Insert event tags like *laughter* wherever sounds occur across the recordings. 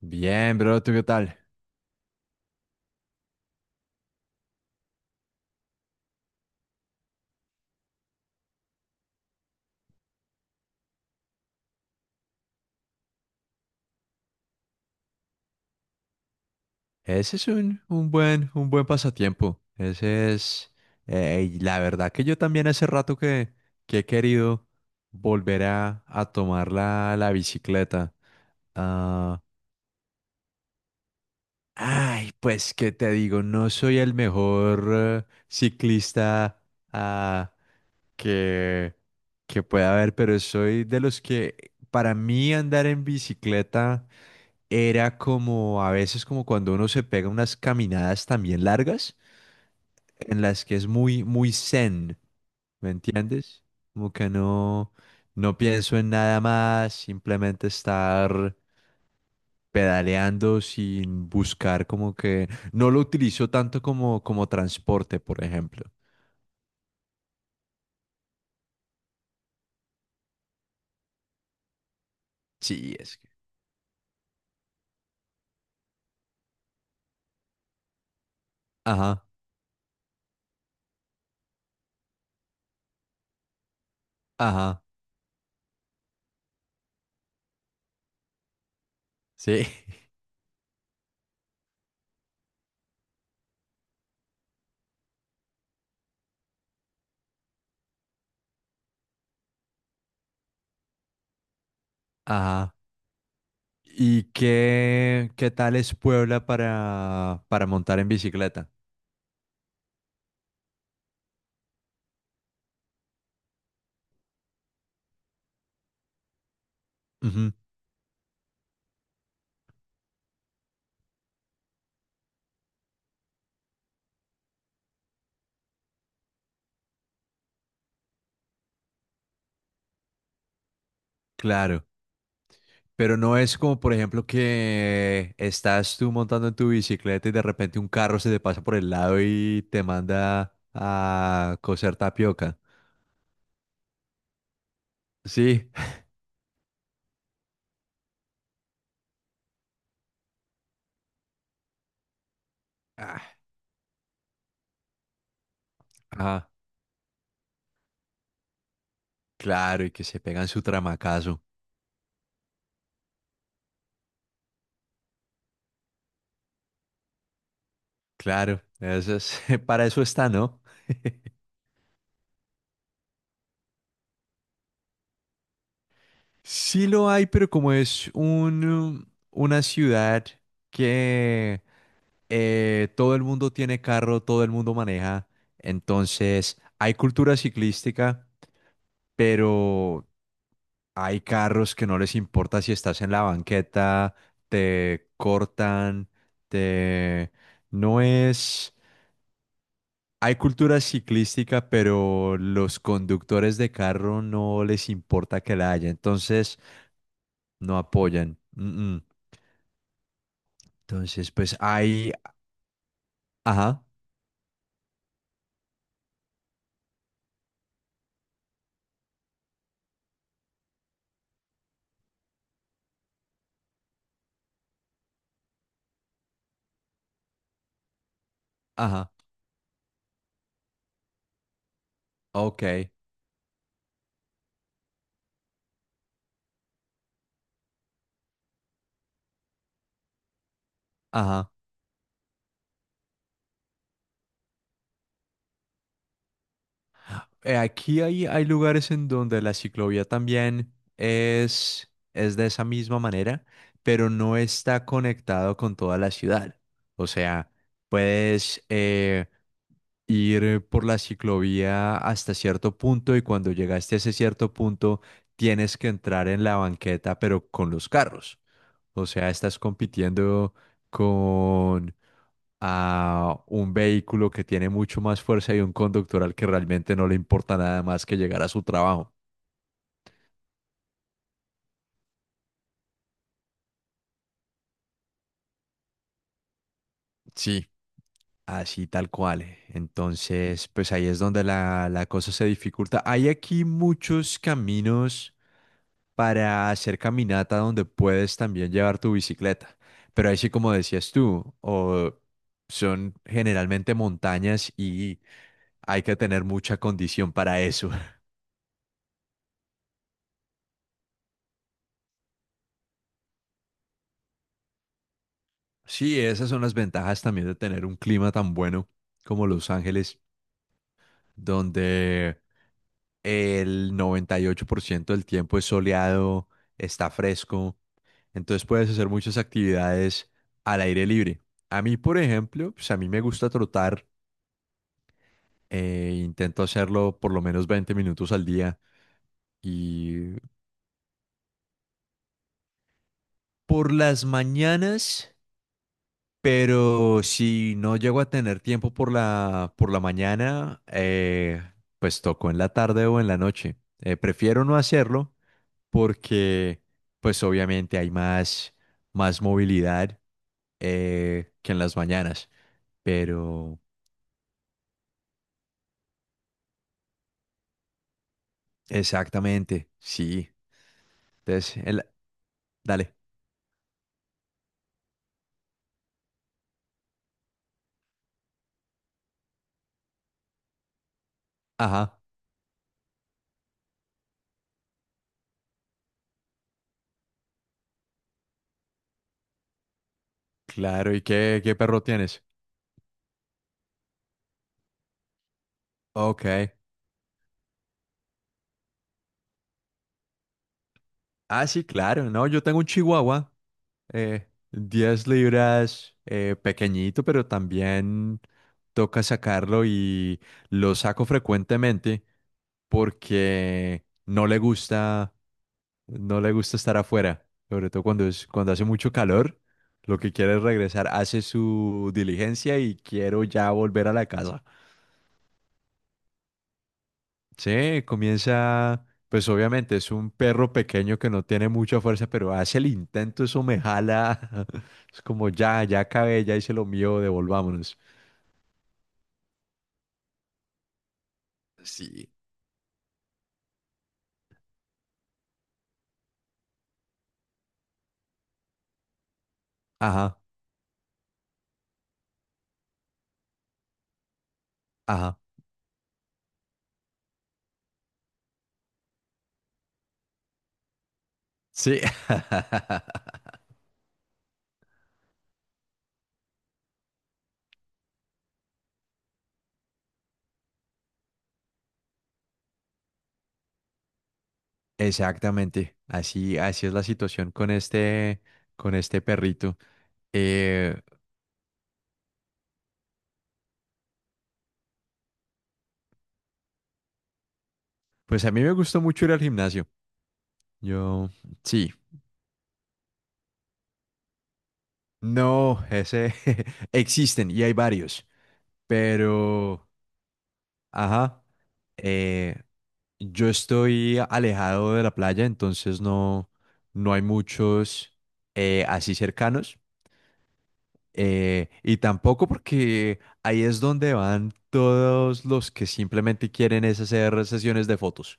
Bien, bro, ¿tú qué tal? Ese es un buen pasatiempo. Ese es, y la verdad que yo también hace rato que he querido volver a tomar la bicicleta. Ah, ay, pues qué te digo, no soy el mejor ciclista ah, que, que pueda haber, pero soy de los que para mí andar en bicicleta era como a veces como cuando uno se pega unas caminadas también largas en las que es muy, muy zen, ¿me entiendes? Como que no pienso en nada más, simplemente estar pedaleando sin buscar como que no lo utilizo tanto como, como transporte, por ejemplo. Sí, es que. Ajá, ajá, sí, *laughs* ajá. ¿Y qué, tal es Puebla para montar en bicicleta? Ujú, claro. Pero no es como, por ejemplo, que estás tú montando en tu bicicleta y de repente un carro se te pasa por el lado y te manda a coser tapioca. Sí. Ah, ajá. Claro, y que se pegan su tramacazo. Claro, eso es, *laughs* para eso está, ¿no? *laughs* Sí lo hay, pero como es una ciudad que todo el mundo tiene carro, todo el mundo maneja, entonces hay cultura ciclística, pero hay carros que no les importa si estás en la banqueta, te cortan, te... No es... Hay cultura ciclística, pero los conductores de carro no les importa que la haya, entonces no apoyan. Mm, mm. Entonces, pues hay... Ajá, ajá, ok, ajá. Aquí hay lugares en donde la ciclovía también es de esa misma manera, pero no está conectado con toda la ciudad. O sea, puedes ir por la ciclovía hasta cierto punto y cuando llegaste a ese cierto punto tienes que entrar en la banqueta, pero con los carros. O sea, estás compitiendo a un vehículo que tiene mucho más fuerza y un conductor al que realmente no le importa nada más que llegar a su trabajo. Sí. Así tal cual. Entonces, pues ahí es donde la cosa se dificulta. Hay aquí muchos caminos para hacer caminata donde puedes también llevar tu bicicleta. Pero ahí sí, como decías tú, o son generalmente montañas y hay que tener mucha condición para eso. Sí, esas son las ventajas también de tener un clima tan bueno como Los Ángeles, donde el 98% del tiempo es soleado, está fresco, entonces puedes hacer muchas actividades al aire libre. A mí, por ejemplo, pues a mí me gusta trotar, intento hacerlo por lo menos 20 minutos al día y por las mañanas. Pero si no llego a tener tiempo por la mañana, pues toco en la tarde o en la noche. Prefiero no hacerlo porque, pues obviamente hay más movilidad que en las mañanas. Pero exactamente, sí. Entonces, dale. Ajá, claro. ¿Y qué perro tienes? Ok. Ah, sí, claro. No, yo tengo un chihuahua. 10 libras, pequeñito, pero también toca sacarlo y lo saco frecuentemente porque no le gusta estar afuera, sobre todo cuando es, cuando hace mucho calor, lo que quiere es regresar, hace su diligencia y quiero ya volver a la casa. Sí, comienza, pues obviamente es un perro pequeño que no tiene mucha fuerza, pero hace el intento, eso me jala. *laughs* Es como ya, ya acabé, ya hice lo mío, devolvámonos. Sí. Ajá, ajá. Sí, *laughs* exactamente. Así, así es la situación con este perrito. Eh, pues a mí me gustó mucho ir al gimnasio. Yo, sí, no, ese *laughs* existen y hay varios, pero. Ajá. Eh, yo estoy alejado de la playa, entonces no hay muchos así cercanos. Y tampoco porque ahí es donde van todos los que simplemente quieren es hacer sesiones de fotos.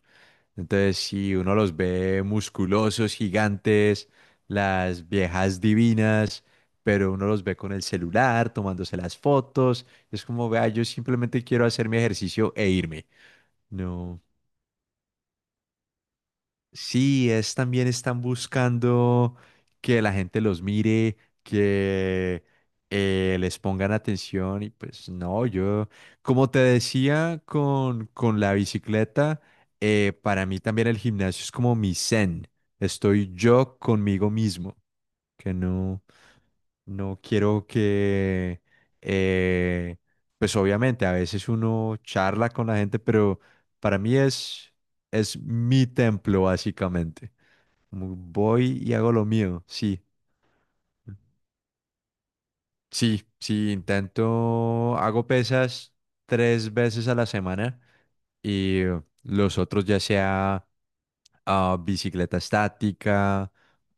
Entonces, si uno los ve musculosos, gigantes, las viejas divinas, pero uno los ve con el celular, tomándose las fotos, es como, vea, yo simplemente quiero hacer mi ejercicio e irme. No. Sí, es también están buscando que la gente los mire, que les pongan atención y pues no, yo, como te decía con la bicicleta, para mí también el gimnasio es como mi zen, estoy yo conmigo mismo, que no quiero que, eh, pues obviamente a veces uno charla con la gente, pero para mí es mi templo básicamente. Como voy y hago lo mío. Sí, sí, sí, intento, hago pesas tres veces a la semana y los otros ya sea bicicleta estática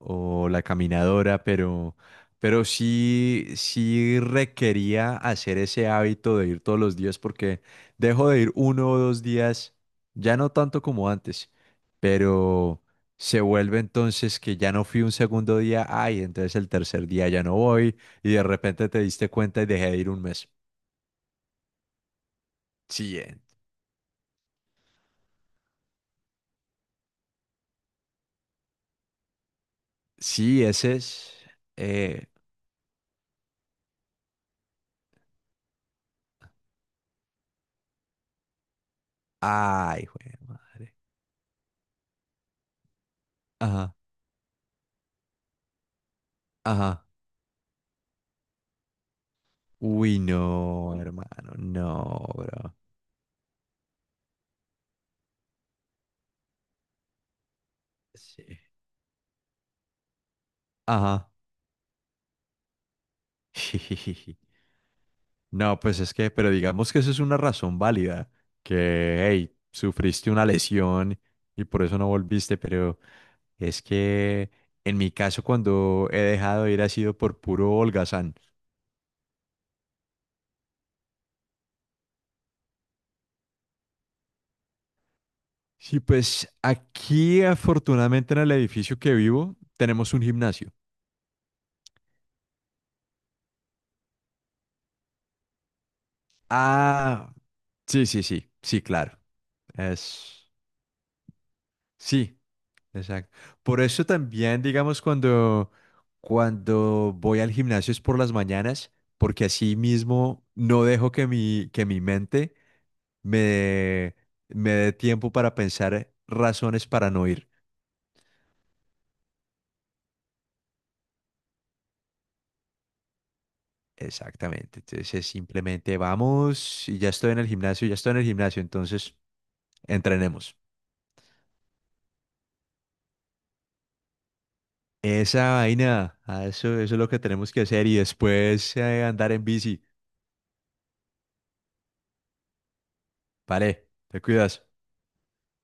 o la caminadora, pero sí requería hacer ese hábito de ir todos los días porque dejo de ir uno o dos días, ya no tanto como antes, pero se vuelve entonces que ya no fui un segundo día, ay, entonces el tercer día ya no voy y de repente te diste cuenta y dejé de ir un mes. Sí, sí, ese es... eh, Ay, jue madre. Ajá, ajá. Uy, no, hermano, no, bro. Sí. Ajá. *laughs* No, pues es que, pero digamos que eso es una razón válida, que, hey, sufriste una lesión y por eso no volviste, pero es que en mi caso cuando he dejado de ir ha sido por puro holgazán. Sí, pues aquí afortunadamente en el edificio que vivo tenemos un gimnasio. Ah, sí, sí, sí, sí, claro. Es, sí. Exacto. Por eso también, digamos, cuando voy al gimnasio es por las mañanas, porque así mismo no dejo que mi mente me dé, me dé tiempo para pensar razones para no ir. Exactamente. Entonces es simplemente vamos y ya estoy en el gimnasio, ya estoy en el gimnasio, entonces entrenemos. Esa vaina, eso es lo que tenemos que hacer y después andar en bici. Vale, te cuidas.